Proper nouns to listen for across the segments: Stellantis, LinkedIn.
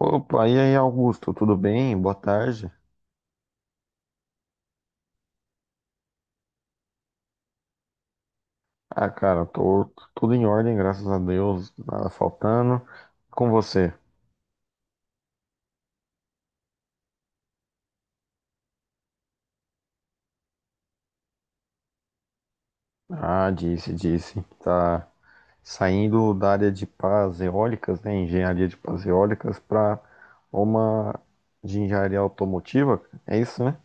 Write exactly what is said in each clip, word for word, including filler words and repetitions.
Opa, e aí, Augusto, tudo bem? Boa tarde. Ah, cara, tô tudo em ordem, graças a Deus, nada faltando. Com você? Ah, disse, disse. Tá saindo da área de pás eólicas, né? Engenharia de pás eólicas para uma de engenharia automotiva, é isso, né?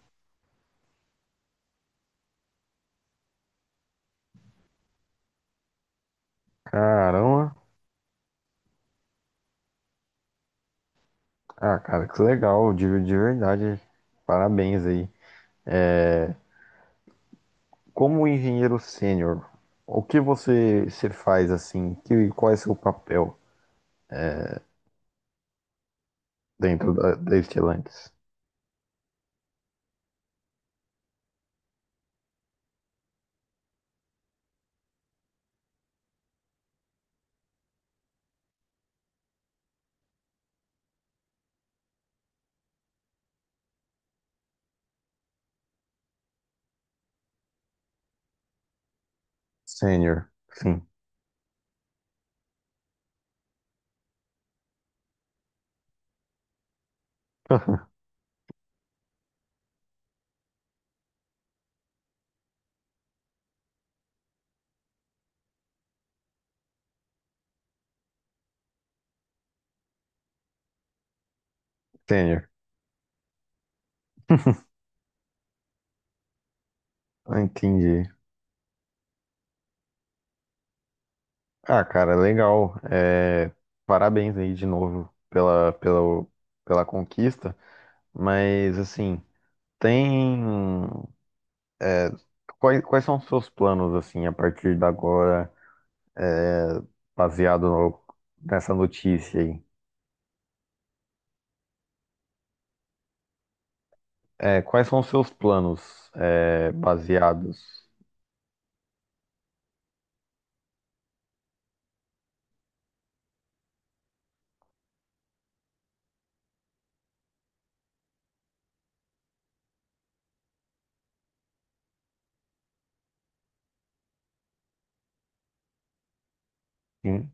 Caramba! Ah, cara, que legal, de, de verdade. Parabéns aí. Como engenheiro sênior, o que você, você faz assim? Que, qual é seu papel? Dentro da, da Stellantis. Sênior, sim. Sênior. Ah, entendi. Ah, cara, legal. É, parabéns aí de novo pela, pela, pela conquista. Mas, assim, tem. é, quais, quais são os seus planos, assim, a partir de agora, é, baseado no- nessa notícia aí? É, quais são os seus planos, é, baseados em.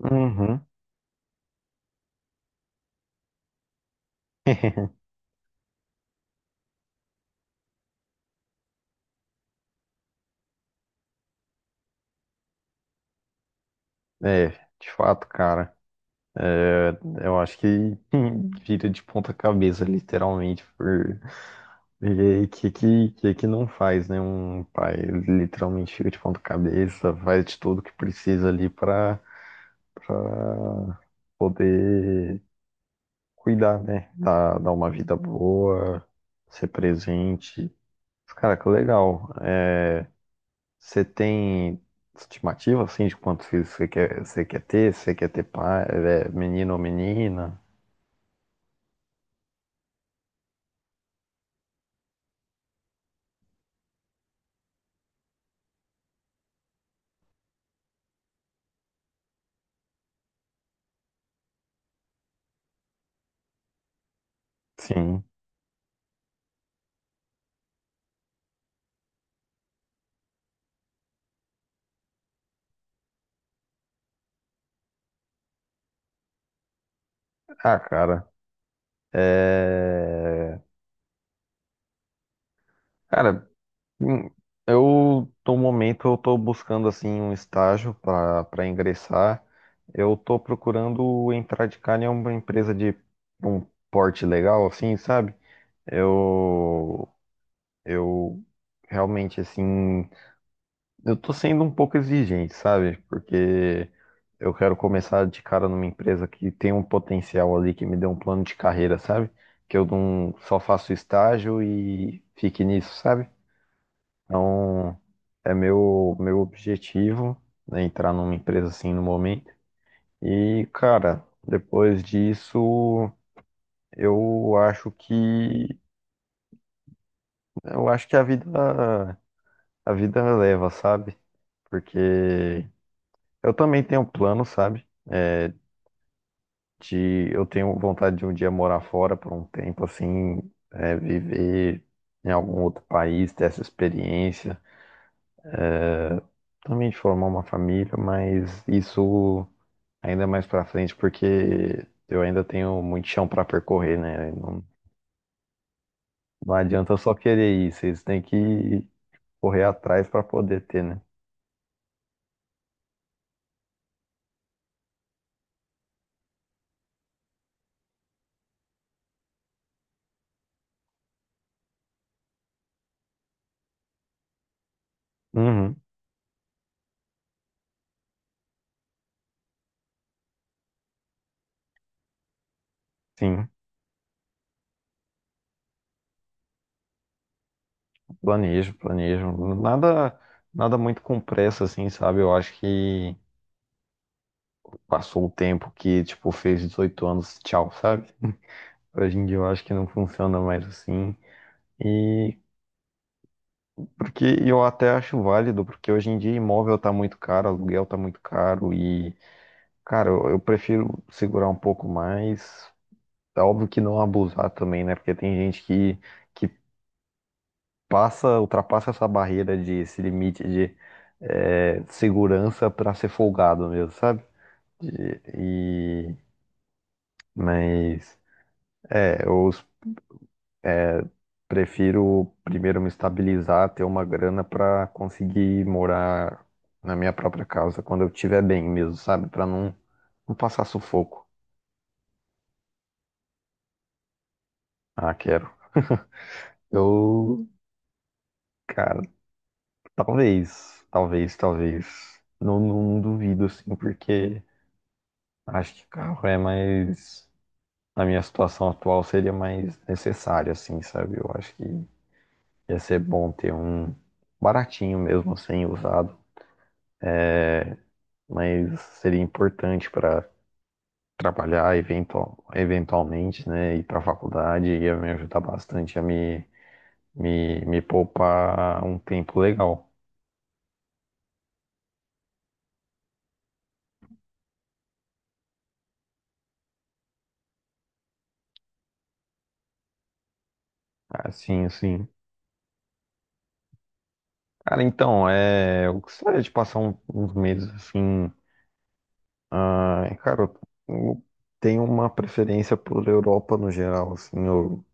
Uhum. É, de fato, cara. Eu acho que vira de ponta cabeça, literalmente, por... porque que, que, que que não faz, né? Um pai literalmente fica de ponta cabeça, faz de tudo que precisa ali pra pra poder cuidar, né? Dar, dar uma vida boa, ser presente. Cara, que legal. É, você tem estimativa, assim, de quantos filhos você quer, você quer ter? Você quer ter pai, é, menino ou menina? Sim. Ah, cara. É, Cara, hum, eu no momento eu tô buscando assim um estágio para para ingressar. Eu tô procurando entrar de cara em uma empresa de um porte legal assim, sabe? Eu eu realmente assim. Eu tô sendo um pouco exigente, sabe? Porque eu quero começar de cara numa empresa que tem um potencial ali, que me dê um plano de carreira, sabe? Que eu não só faço estágio e fique nisso, sabe? Então, é meu, meu objetivo, né, entrar numa empresa assim no momento. E, cara, depois disso, eu acho que eu acho que a vida a vida leva, sabe? Porque eu também tenho plano, sabe? É, de eu tenho vontade de um dia morar fora por um tempo, assim, é, viver em algum outro país, ter essa experiência, também de formar uma família, mas isso ainda mais pra frente, porque eu ainda tenho muito chão pra percorrer, né? Não, não adianta eu só querer ir, vocês têm que correr atrás pra poder ter, né? Uhum, sim, planejo, planejo. Nada, nada muito com pressa, assim, sabe? Eu acho que passou o tempo que, tipo, fez dezoito anos, tchau, sabe? Hoje em dia eu acho que não funciona mais assim. E porque eu até acho válido, porque hoje em dia imóvel tá muito caro, aluguel tá muito caro e, cara, eu, eu prefiro segurar um pouco mais. É óbvio que não abusar também, né? Porque tem gente que, que passa, ultrapassa essa barreira de esse limite de é, segurança pra ser folgado mesmo, sabe? E, e- mas é, eu prefiro primeiro me estabilizar, ter uma grana para conseguir morar na minha própria casa quando eu estiver bem mesmo, sabe? Para não, não passar sufoco. Ah, quero. Eu, cara, talvez, talvez, talvez. Não, não duvido, assim, porque acho que carro é mais. Na minha situação atual seria mais necessário, assim, sabe? Eu acho que ia ser bom ter um baratinho mesmo, sem usado, mas seria importante para trabalhar eventual, eventualmente, né, ir para a faculdade ia me ajudar bastante a me, me, me poupar um tempo legal. Assim, assim. Cara, então, é, eu gostaria de passar um- uns meses assim. Ah, cara, eu tenho uma preferência por Europa no geral, assim, eu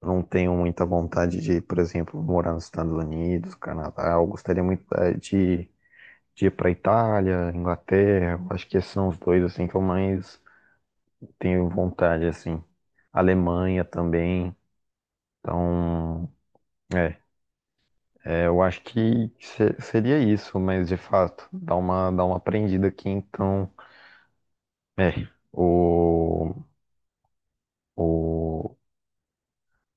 não tenho muita vontade de, por exemplo, morar nos Estados Unidos, Canadá. Eu gostaria muito eh, de, de ir para Itália, Inglaterra. Eu acho que esses são os dois assim que eu mais tenho vontade, assim. Alemanha também. Então, é, é, eu acho que se- seria isso, mas de fato, dá uma, dá uma aprendida aqui. Então, é, o, o,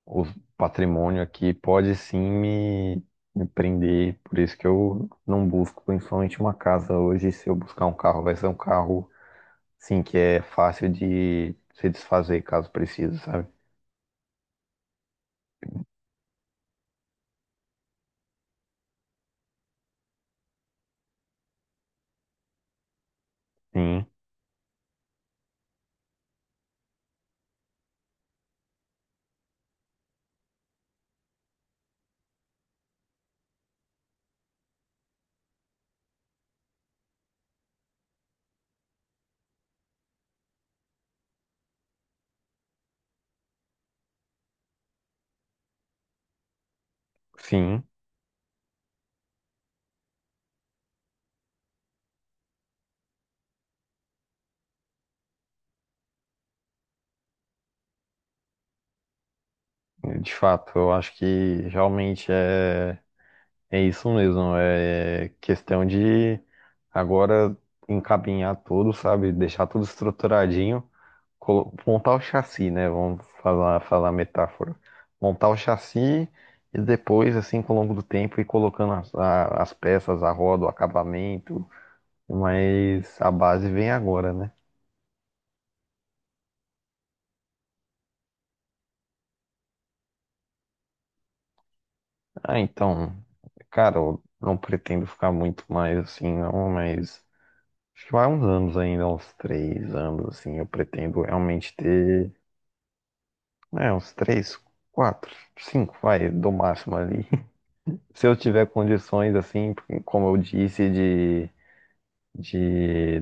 o patrimônio aqui pode sim me, me prender. Por isso que eu não busco principalmente uma casa hoje. Se eu buscar um carro, vai ser um carro, sim, que é fácil de se desfazer caso precise, sabe? Sim, sim. De fato, eu acho que realmente é, é isso mesmo. É questão de agora encaminhar tudo, sabe? Deixar tudo estruturadinho, colo- montar o chassi, né? Vamos falar, falar a metáfora. Montar o chassi e depois, assim, com o longo do tempo, ir colocando as, a- as peças, a roda, o acabamento. Mas a base vem agora, né? Ah, então, cara, eu não pretendo ficar muito mais assim, não, mas. Acho que vai uns anos ainda, uns três anos, assim. Eu pretendo realmente ter, né, uns três, quatro, cinco, vai, do máximo ali. Se eu tiver condições, assim, porque, como eu disse, de, de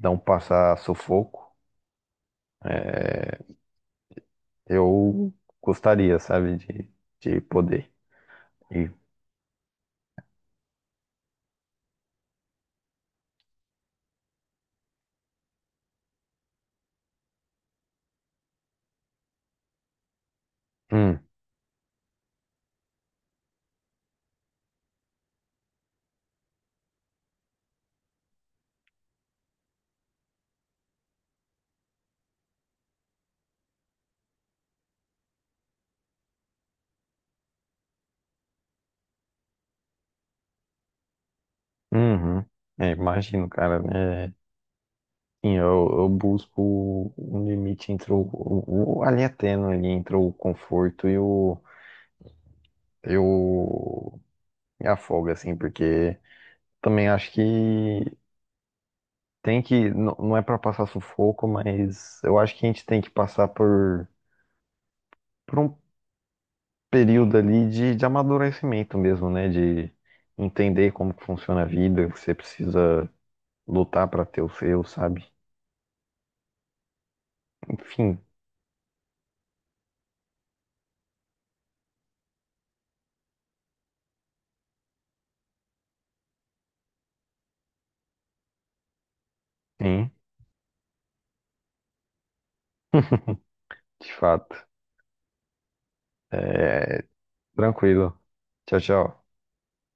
não passar sufoco, eu gostaria, sabe, de, de poder. E, hum, uhum. É, imagino, cara, né? Sim, eu, eu busco um limite entre o, o, o- a linha tênue ali entre o conforto e o. Eu me afoga, assim, porque também acho que tem que, n- não é pra passar sufoco, mas eu acho que a gente tem que passar por, por um período ali de, de amadurecimento mesmo, né? De entender como que funciona a vida, que você precisa lutar pra ter o seu, sabe? Enfim, sim, de fato. É, tranquilo. Tchau, tchau.